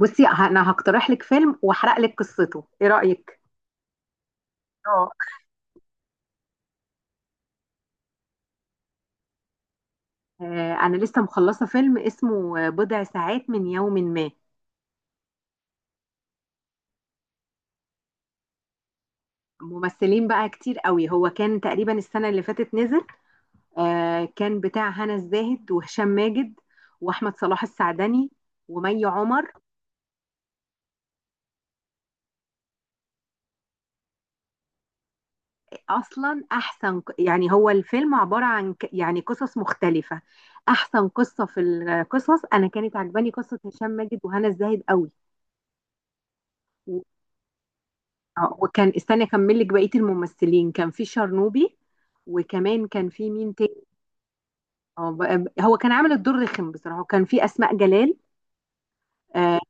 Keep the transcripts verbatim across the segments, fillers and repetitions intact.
بصي، ه- انا هقترح لك فيلم واحرق لك قصته، ايه رأيك؟ اه. آه، انا لسه مخلصة فيلم اسمه بضع ساعات من يوم ما. ممثلين بقى كتير قوي، هو كان تقريبا السنة اللي فاتت نزل. آه، كان بتاع هنا الزاهد وهشام ماجد واحمد صلاح السعدني ومي عمر. اصلا احسن ق- يعني هو الفيلم عبارة عن ك- يعني قصص مختلفة. احسن قصة في القصص انا كانت عجباني قصة هشام ماجد وهنا الزاهد قوي. آه، وكان استني اكمل لك بقيه الممثلين، كان في شرنوبي وكمان كان في مين تاني. آه، ب- ب- هو كان عامل الدور رخم بصراحه، وكان في اسماء جلال. اه.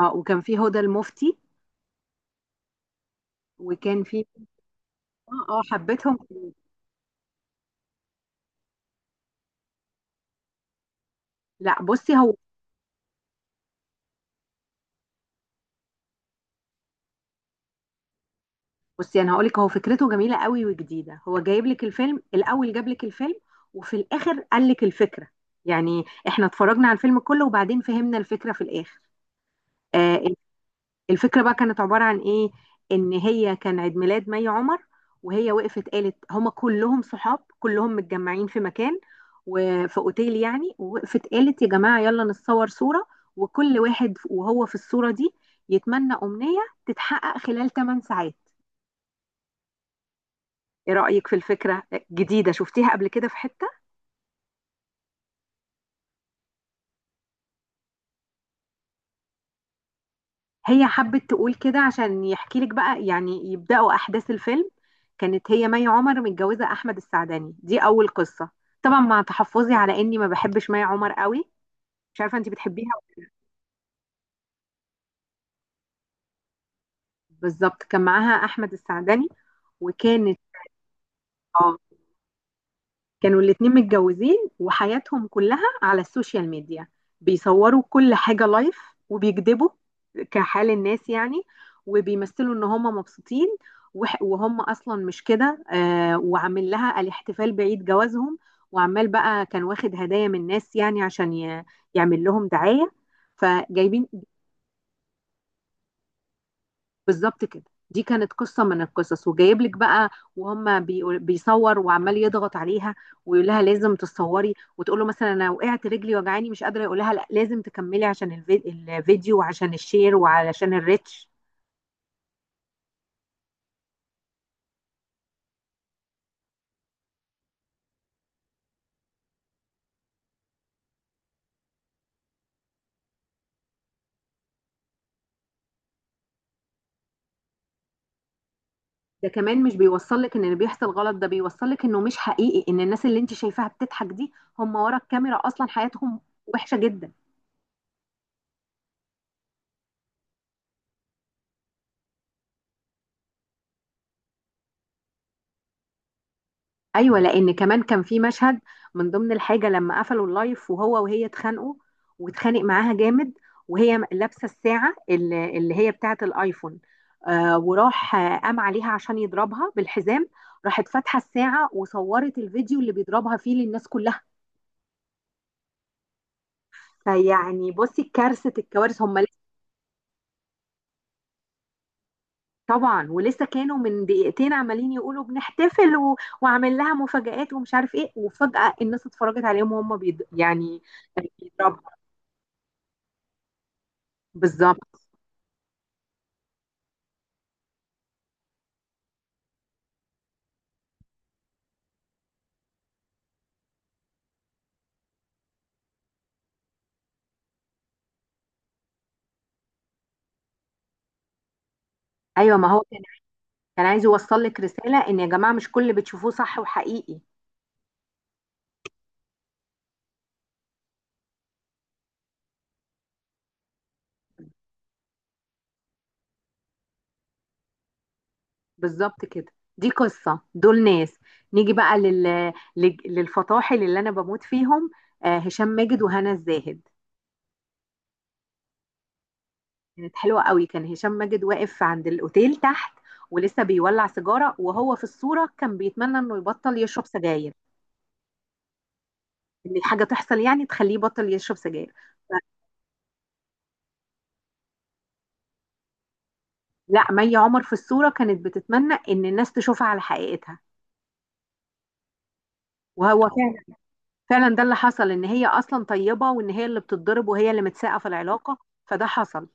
آه، وكان في هدى المفتي، وكان في اه. اه، حبيتهم. لا بصي هو. بصي انا هقول لك، هو فكرته جميله قوي وجديده، هو جايب لك الفيلم، الاول جاب لك الفيلم وفي الاخر قال لك الفكره. يعني احنا اتفرجنا على الفيلم كله وبعدين فهمنا الفكره في الاخر. آه. الفكرة بقى كانت عبارة عن ايه؟ ان هي كان عيد ميلاد مي عمر، وهي وقفت قالت، هما كلهم صحاب كلهم متجمعين في مكان وفي اوتيل يعني، ووقفت قالت يا جماعة يلا نتصور صورة، وكل واحد وهو في الصورة دي يتمنى أمنية تتحقق خلال ثماني ساعات. ايه رأيك في الفكرة؟ جديدة، شفتيها قبل كده في حتة؟ هي حبت تقول كده عشان يحكي لك بقى، يعني يبدأوا أحداث الفيلم. كانت هي مي عمر متجوزة أحمد السعداني، دي أول قصة. طبعا مع تحفظي على إني ما بحبش مي عمر قوي. مش عارفة أنت بتحبيها ولا لأ. بالظبط، كان معاها أحمد السعداني وكانت اه. كانوا الاتنين متجوزين وحياتهم كلها على السوشيال ميديا، بيصوروا كل حاجة لايف، وبيكذبوا كحال الناس يعني، وبيمثلوا ان هم مبسوطين، وح- وهم اصلا مش كده. آه، وعامل لها الاحتفال بعيد جوازهم، وعمال بقى كان واخد هدايا من الناس يعني عشان ي- يعمل لهم دعاية، فجايبين. بالظبط كده، دي كانت قصة من القصص، وجايب لك بقى. وهم بيقول- بيصور وعمال يضغط عليها ويقول لها لازم تصوري، وتقول له مثلا انا وقعت رجلي وجعاني مش قادرة، يقول لها لا لازم تكملي عشان الفي- الفيديو وعشان الشير وعشان الريتش. ده كمان مش بيوصل لك ان اللي بيحصل غلط، ده بيوصل لك انه مش حقيقي، ان الناس اللي انت شايفاها بتضحك دي هم ورا الكاميرا اصلا حياتهم وحشة جدا. ايوه، لان كمان كان في مشهد من ضمن الحاجه، لما قفلوا اللايف وهو وهي اتخانقوا، واتخانق معاها جامد، وهي لابسه الساعه اللي اللي هي بتاعه الايفون. آه وراح، آه، قام عليها عشان يضربها بالحزام، راحت فاتحه الساعه وصورت الفيديو اللي بيضربها فيه للناس كلها. فيعني بصي، كارثه الكوارث، هم لسه. طبعا ولسه كانوا من دقيقتين عمالين يقولوا بنحتفل، و... وعامل لها مفاجآت ومش عارف ايه، وفجأة الناس اتفرجت عليهم وهم بيض... يعني بيضربوا. بالظبط. ايوه، ما هو كان، كان عايز يوصل لك رساله ان يا جماعه مش كل اللي بتشوفوه صح وحقيقي. بالظبط كده، دي قصه دول ناس. نيجي بقى لل... لل- للفطاحل اللي انا بموت فيهم، آه هشام ماجد وهنا الزاهد. كانت حلوه قوي، كان هشام ماجد واقف عند الاوتيل تحت ولسه بيولع سيجاره، وهو في الصوره كان بيتمنى انه يبطل يشرب سجاير، ان حاجه تحصل يعني تخليه يبطل يشرب سجاير. ف- لا مي عمر في الصوره كانت بتتمنى ان الناس تشوفها على حقيقتها، وهو فعلا، فعلا ده اللي حصل، ان هي اصلا طيبه وان هي اللي بتتضرب وهي اللي متساقه في العلاقه، فده حصل.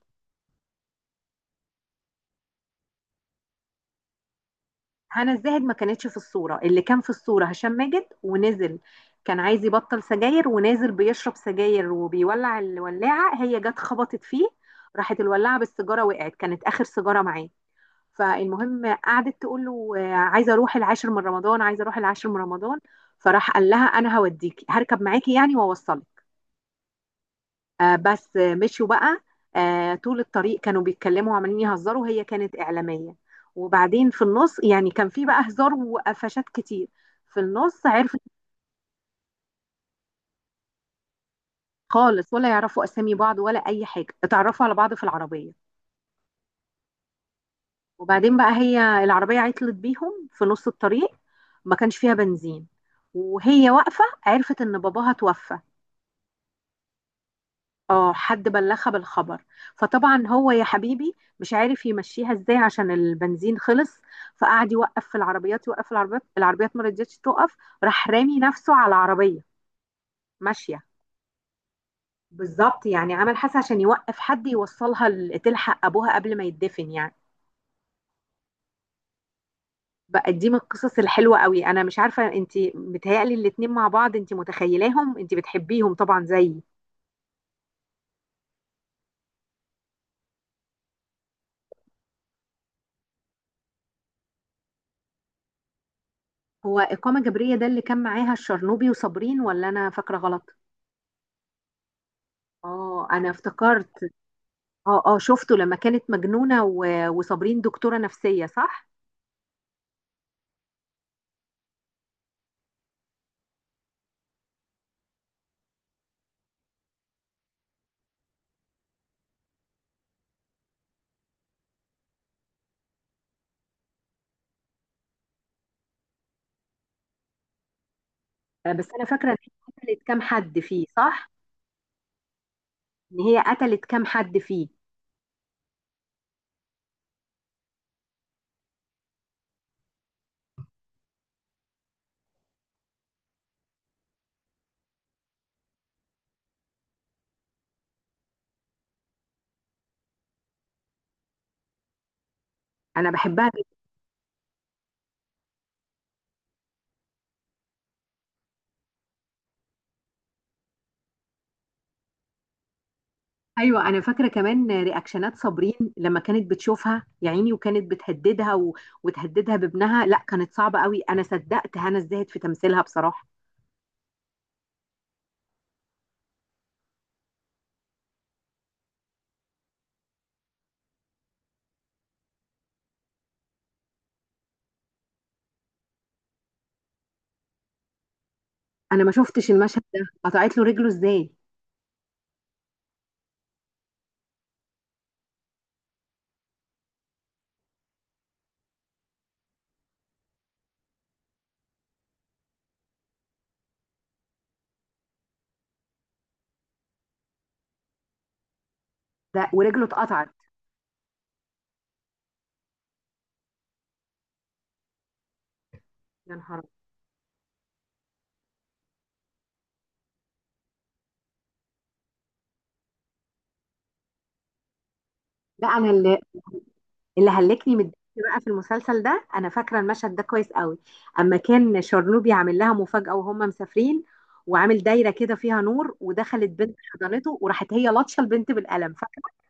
هنا الزاهد ما كانتش في الصوره، اللي كان في الصوره هشام ماجد، ونزل كان عايز يبطل سجاير، ونازل بيشرب سجاير وبيولع الولاعه، هي جت خبطت فيه، راحت الولاعه بالسيجاره وقعت، كانت اخر سيجاره معاه. فالمهم قعدت تقول له آه، عايزه اروح العاشر من رمضان عايزه اروح العاشر من رمضان، فراح قال لها انا هوديكي هركب معاكي يعني واوصلك. آه، بس آه، مشوا بقى. آه، طول الطريق كانوا بيتكلموا وعمالين يهزروا، هي كانت إعلامية، وبعدين في النص يعني كان في بقى هزار وقفشات كتير، في النص عرفت. خالص ولا يعرفوا أسامي بعض ولا أي حاجة، اتعرفوا على بعض في العربية. وبعدين بقى هي العربية عطلت بيهم في نص الطريق، ما كانش فيها بنزين، وهي واقفة عرفت إن باباها توفى. اه، حد بلغها بالخبر. فطبعا هو يا حبيبي مش عارف يمشيها ازاي عشان البنزين خلص، فقعد يوقف في العربيات يوقف في العربيات، العربيات ما رضيتش توقف، راح رامي نفسه على العربية ماشية. بالظبط، يعني عمل حاسة عشان يوقف حد يوصلها ل- تلحق ابوها قبل ما يدفن يعني. بقى دي من القصص الحلوة قوي، انا مش عارفة انت بتهيألي الاتنين مع بعض، انت متخيلاهم، انت بتحبيهم طبعا زيي. هو إقامة جبرية ده اللي كان معاها الشرنوبي وصابرين، ولا انا فاكرة غلط؟ اه، انا افتكرت. اه، اه، شفته لما كانت مجنونة و- وصابرين دكتورة نفسية صح؟ آه، بس أنا فاكرة إن هي قتلت كام حد فيه صح؟ إن هي قتلت كام حد فيه. أنا بحبها جدا. أيوه، أنا فاكرة كمان رياكشنات صابرين لما كانت بتشوفها يا عيني، وكانت بتهددها و... وتهددها بابنها، لا كانت صعبة قوي، أنا صدقت هنا الزاهد في تمثيلها بصراحة. أنا ما شفتش المشهد ده، قطعت له رجله إزاي؟ ده ورجله اتقطعت. يا نهار أبيض. لا أنا اللي هلكني من الضحك بقى في المسلسل ده، انا فاكره المشهد ده كويس قوي، اما كان شرنوبي عامل لها مفاجاه وهم مسافرين، وعامل دايره كده فيها نور، ودخلت بنت حضنته، وراحت هي لطشه البنت بالقلم، فاكره؟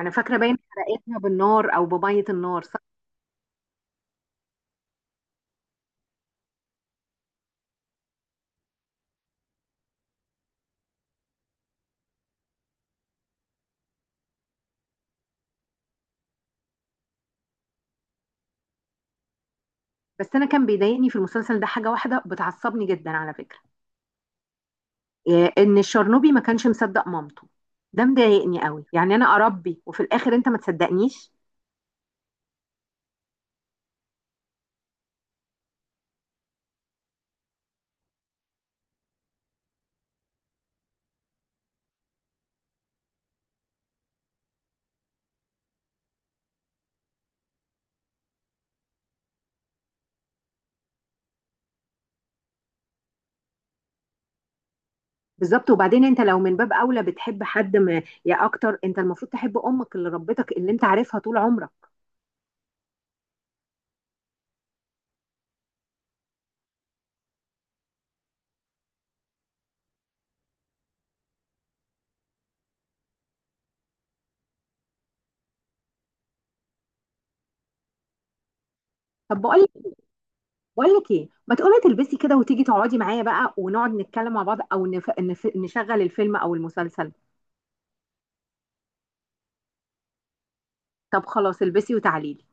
انا فاكره باين حرقتها بالنار او بميه النار صح. بس انا كان بيضايقني في المسلسل ده حاجه واحده بتعصبني جدا على فكره، إيه، ان الشرنوبي ما كانش مصدق مامته، ده مضايقني قوي، يعني انا اربي وفي الاخر انت ما تصدقنيش. بالظبط، وبعدين انت لو من باب اولى بتحب حد ما، يا اكتر انت المفروض تحب امك اللي ربتك اللي انت عارفها طول عمرك. طب بقول لك بقول لك ايه، ما تقومي تلبسي كده وتيجي تقعدي معايا بقى ونقعد نتكلم مع بعض او نف... نف... نشغل الفيلم او المسلسل. طب خلاص، البسي وتعالي لي.